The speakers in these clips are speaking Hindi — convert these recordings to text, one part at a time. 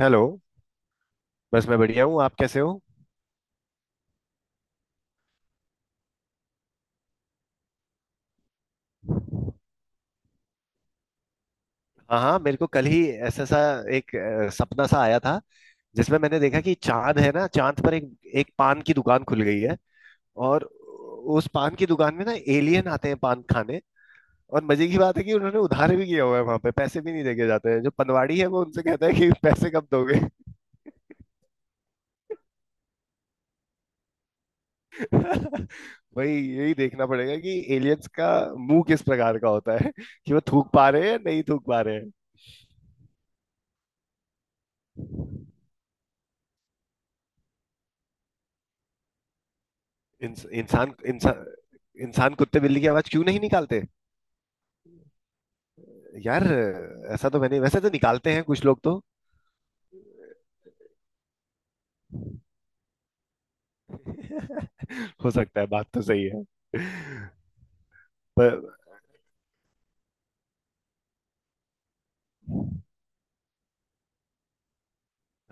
हेलो। बस मैं बढ़िया हूँ, आप कैसे हो? हाँ हाँ, मेरे को कल ही ऐसा सा एक सपना सा आया था जिसमें मैंने देखा कि चांद है ना, चांद पर एक एक पान की दुकान खुल गई है। और उस पान की दुकान में ना एलियन आते हैं पान खाने। और मजे की बात है कि उन्होंने उधार भी किया हुआ है, वहां पे पैसे भी नहीं देके जाते हैं। जो पनवाड़ी है वो उनसे कहता है कि पैसे कब दोगे। वही, यही देखना पड़ेगा कि एलियंस का मुंह किस प्रकार का होता है, कि वो थूक पा रहे हैं या नहीं थूक पा रहे। इंस, इंसान इंसान इंसान कुत्ते बिल्ली की आवाज क्यों नहीं निकालते? यार, ऐसा तो मैंने, वैसे तो निकालते हैं कुछ लोग तो। हो सकता है, बात तो सही है। पर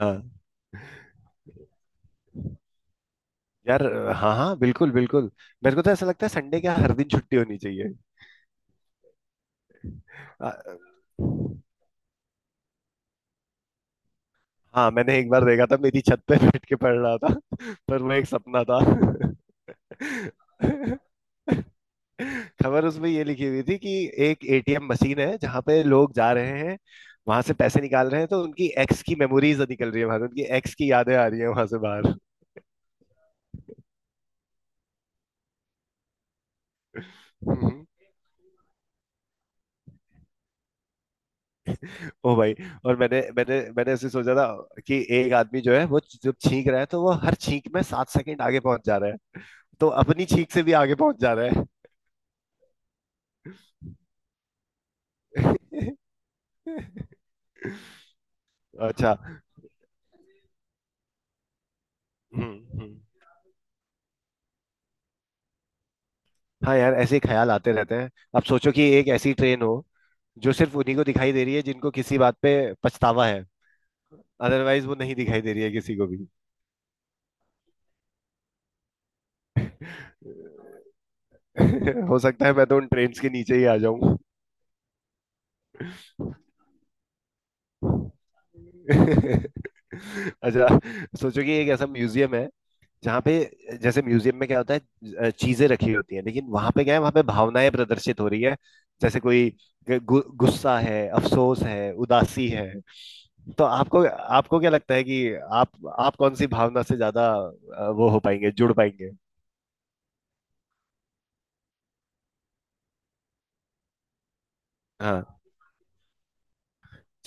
हाँ यार, हाँ हाँ बिल्कुल बिल्कुल, मेरे को तो ऐसा लगता है संडे क्या हर दिन छुट्टी होनी चाहिए। आ, हाँ, मैंने एक बार देखा था, मेरी छत पे बैठ के पढ़ रहा था। पर वो एक सपना था। खबर उसमें ये लिखी हुई थी कि एक एटीएम मशीन है जहां पे लोग जा रहे हैं, वहां से पैसे निकाल रहे हैं, तो उनकी एक्स की मेमोरीज निकल रही है वहां से, उनकी एक्स की यादें आ रही है वहां से बाहर। हम्म। ओ भाई, और मैंने मैंने मैंने ऐसे सोचा था कि एक आदमी जो है, वो जब छींक रहा है तो वो हर छींक में सात सेकंड आगे पहुंच जा रहा है, तो अपनी छींक से भी आगे पहुंच जा रहा है। अच्छा। हम्म हम्म। हाँ यार, ऐसे ही ख्याल आते रहते हैं। अब सोचो कि एक ऐसी ट्रेन हो जो सिर्फ उन्हीं को दिखाई दे रही है जिनको किसी बात पे पछतावा है। अदरवाइज वो नहीं दिखाई दे रही है किसी को भी। हो सकता है मैं तो उन ट्रेन्स के नीचे ही आ जाऊं। अच्छा, सोचो कि एक ऐसा म्यूजियम है जहाँ पे, जैसे म्यूजियम में क्या होता है, चीजें रखी होती हैं, लेकिन वहां पे क्या है, वहां पे भावनाएं प्रदर्शित हो रही है। जैसे कोई गुस्सा है, अफसोस है, उदासी है। तो आपको, आपको क्या लगता है कि आप आप कौन सी भावना से ज्यादा वो हो पाएंगे, जुड़ पाएंगे? हाँ,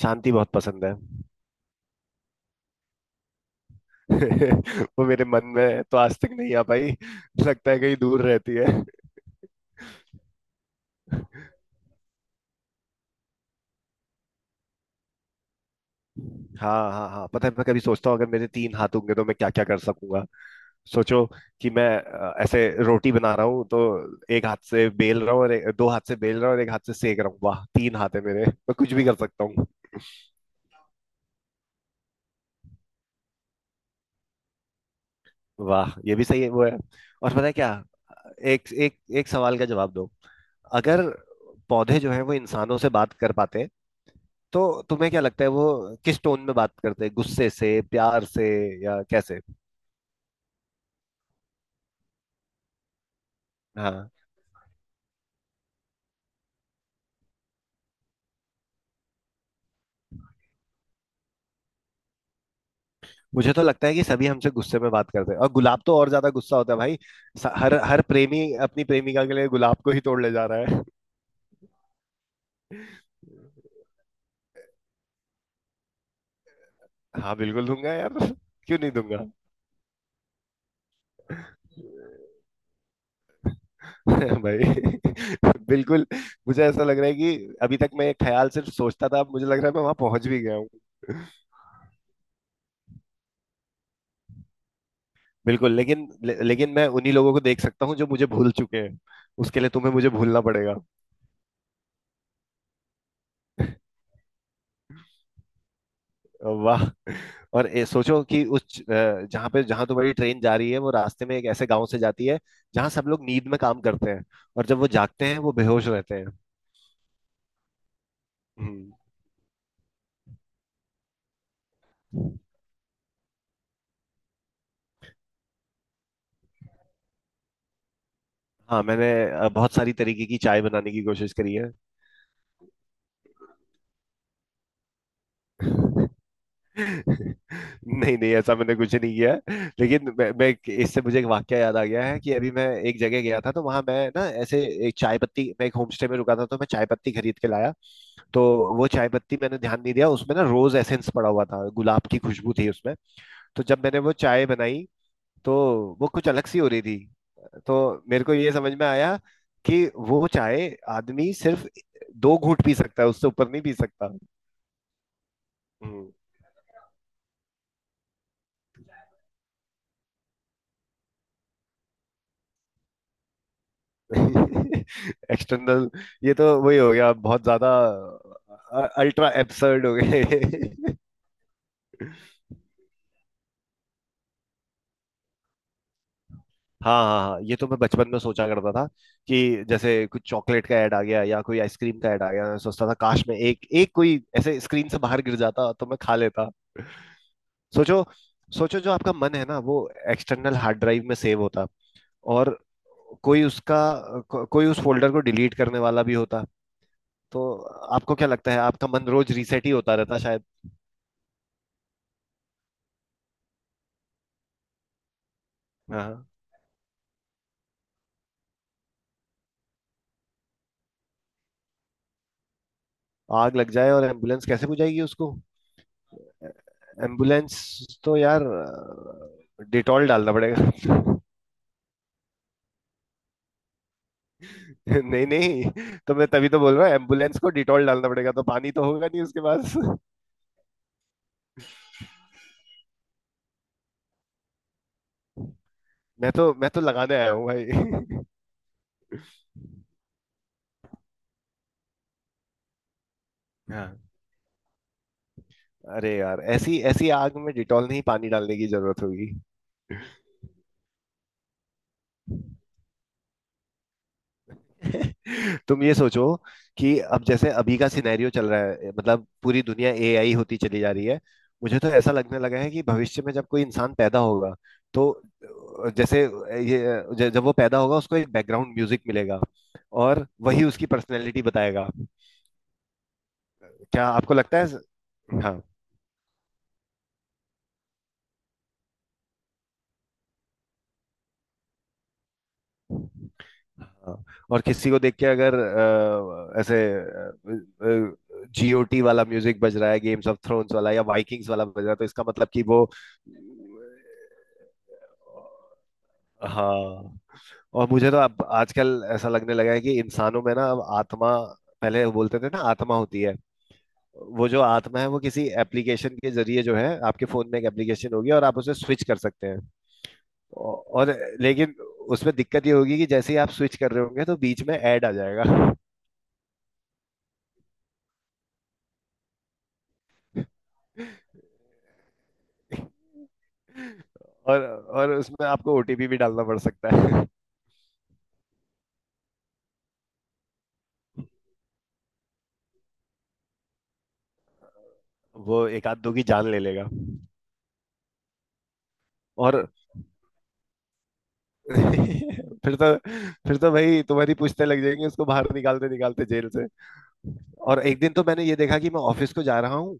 शांति बहुत पसंद है। वो मेरे मन में तो आज तक नहीं आ पाई। लगता है कहीं दूर रहती है। हाँ हाँ हाँ, पता है, मैं कभी सोचता हूँ अगर मेरे तीन हाथ होंगे तो मैं क्या क्या कर सकूंगा। सोचो कि मैं ऐसे रोटी बना रहा हूँ, तो एक हाथ से बेल रहा हूँ, और दो हाथ से बेल रहा हूँ और एक हाथ से सेक रहा हूँ। वाह, तीन हाथ है मेरे, मैं कुछ भी कर सकता हूँ। वाह, ये भी सही है, वो है। और पता है क्या, एक एक एक सवाल का जवाब दो। अगर पौधे जो है वो इंसानों से बात कर पाते, तो तुम्हें क्या लगता है वो किस टोन में बात करते हैं? गुस्से से, प्यार से, या कैसे? हाँ, मुझे तो लगता है कि सभी हमसे गुस्से में बात करते हैं, और गुलाब तो और ज्यादा गुस्सा होता है भाई। स- हर हर प्रेमी अपनी प्रेमिका के लिए गुलाब को ही तोड़ ले जा रहा है। हाँ बिल्कुल दूंगा यार, क्यों नहीं दूंगा। भाई, बिल्कुल, मुझे ऐसा लग रहा है कि अभी तक मैं ये ख्याल सिर्फ सोचता था, अब मुझे लग रहा है मैं वहां पहुंच भी गया हूँ। बिल्कुल, लेकिन लेकिन मैं उन्हीं लोगों को देख सकता हूँ जो मुझे भूल चुके हैं, उसके लिए तुम्हें मुझे भूलना पड़ेगा। वाह, और सोचो कि उस जहाँ पे, जहाँ तो बड़ी ट्रेन जा रही है, वो रास्ते में एक ऐसे गांव से जाती है जहाँ सब लोग नींद में काम करते हैं, और जब वो जागते हैं वो बेहोश रहते हैं। हम्म। हाँ मैंने बहुत सारी तरीके की चाय बनाने की कोशिश करी है। नहीं नहीं, ऐसा मैंने कुछ नहीं किया है। लेकिन मैं इससे मुझे एक वाक्य याद आ गया है कि अभी मैं एक जगह गया था, तो वहां मैं ना ऐसे एक चाय पत्ती, मैं एक होम स्टे में रुका था तो मैं चाय पत्ती खरीद के लाया। तो वो चाय पत्ती, मैंने ध्यान नहीं दिया, उसमें ना रोज एसेंस पड़ा हुआ था, गुलाब की खुशबू थी उसमें। तो जब मैंने वो चाय बनाई, तो वो कुछ अलग सी हो रही थी। तो मेरे को ये समझ में आया कि वो चाय आदमी सिर्फ दो घूंट पी सकता है, उससे ऊपर नहीं पी सकता। हम्म। एक्सटर्नल, ये तो वही हो गया, बहुत ज्यादा अल्ट्रा एब्सर्ड हो गए। हाँ हाँ हाँ, ये तो मैं बचपन में सोचा करता था कि जैसे कुछ चॉकलेट का ऐड आ गया या कोई आइसक्रीम का ऐड आ गया, मैं सोचता था काश मैं एक एक कोई ऐसे स्क्रीन से बाहर गिर जाता तो मैं खा लेता। सोचो, सोचो जो आपका मन है ना, वो एक्सटर्नल हार्ड ड्राइव में सेव होता, और कोई उसका, कोई उस फोल्डर को डिलीट करने वाला भी होता, तो आपको क्या लगता है आपका मन रोज रीसेट ही होता रहता? हाँ। आग लग जाए और एम्बुलेंस कैसे बुझाएगी उसको? एम्बुलेंस तो यार डिटॉल डालना पड़ेगा। नहीं नहीं, तो मैं तभी तो बोल रहा हूँ एम्बुलेंस को डिटॉल डालना पड़ेगा, तो पानी तो होगा नहीं उसके पास। मैं तो लगाने आया हूँ भाई। हाँ, अरे यार, ऐसी ऐसी आग में डिटॉल नहीं, पानी डालने की जरूरत होगी। तुम ये सोचो कि अब जैसे अभी का सिनेरियो चल रहा है, मतलब पूरी दुनिया एआई होती चली जा रही है। मुझे तो ऐसा लगने लगा है कि भविष्य में जब कोई इंसान पैदा होगा, तो जैसे ये जब वो पैदा होगा उसको एक बैकग्राउंड म्यूजिक मिलेगा, और वही उसकी पर्सनैलिटी बताएगा। क्या आपको लगता है? हाँ, हाँ, और किसी को देख के अगर ऐसे जीओटी वाला म्यूजिक बज रहा है, गेम्स ऑफ थ्रोन्स वाला या वाइकिंग्स वाला बज रहा है, तो इसका मतलब कि वो, हाँ। और मुझे तो अब आजकल ऐसा लगने लगा है कि इंसानों में ना अब आत्मा, पहले बोलते थे ना आत्मा होती है, वो जो आत्मा है वो किसी एप्लीकेशन के जरिए, जो है आपके फोन में एक एप्लीकेशन होगी और आप उसे स्विच कर सकते हैं। और लेकिन उसमें दिक्कत ये होगी कि जैसे ही आप स्विच कर रहे होंगे तो बीच में ऐड आ जाएगा। और उसमें आपको ओटीपी भी डालना पड़ सकता है। वो एक आध दो की जान ले लेगा। और फिर तो, भाई तुम्हारी पूछते लग जाएंगे उसको बाहर निकालते निकालते जेल से। और एक दिन तो मैंने ये देखा कि मैं ऑफिस को जा रहा हूँ,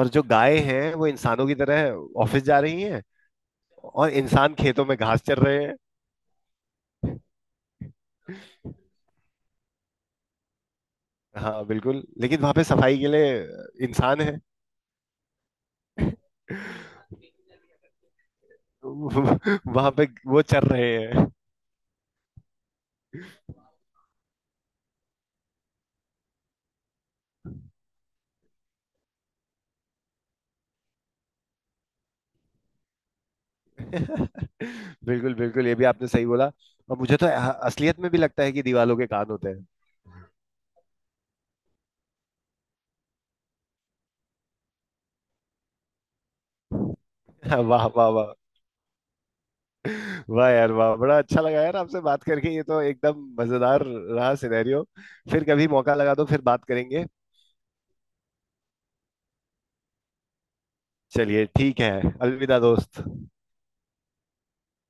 और जो गायें हैं वो इंसानों की तरह ऑफिस जा रही हैं, और इंसान खेतों में घास चर रहे। हाँ बिल्कुल, लेकिन वहां पे सफाई के लिए इंसान है। वहां पे वो चर रहे हैं। बिल्कुल बिल्कुल, ये भी आपने सही बोला। और मुझे तो असलियत में भी लगता है कि दीवालों के कान होते हैं। वाह वाह वाह, वाह यार वाह, बड़ा अच्छा लगा यार आपसे बात करके, ये तो एकदम मजेदार रहा सिनेरियो। फिर कभी मौका लगा तो फिर बात करेंगे। चलिए ठीक है। अलविदा दोस्त।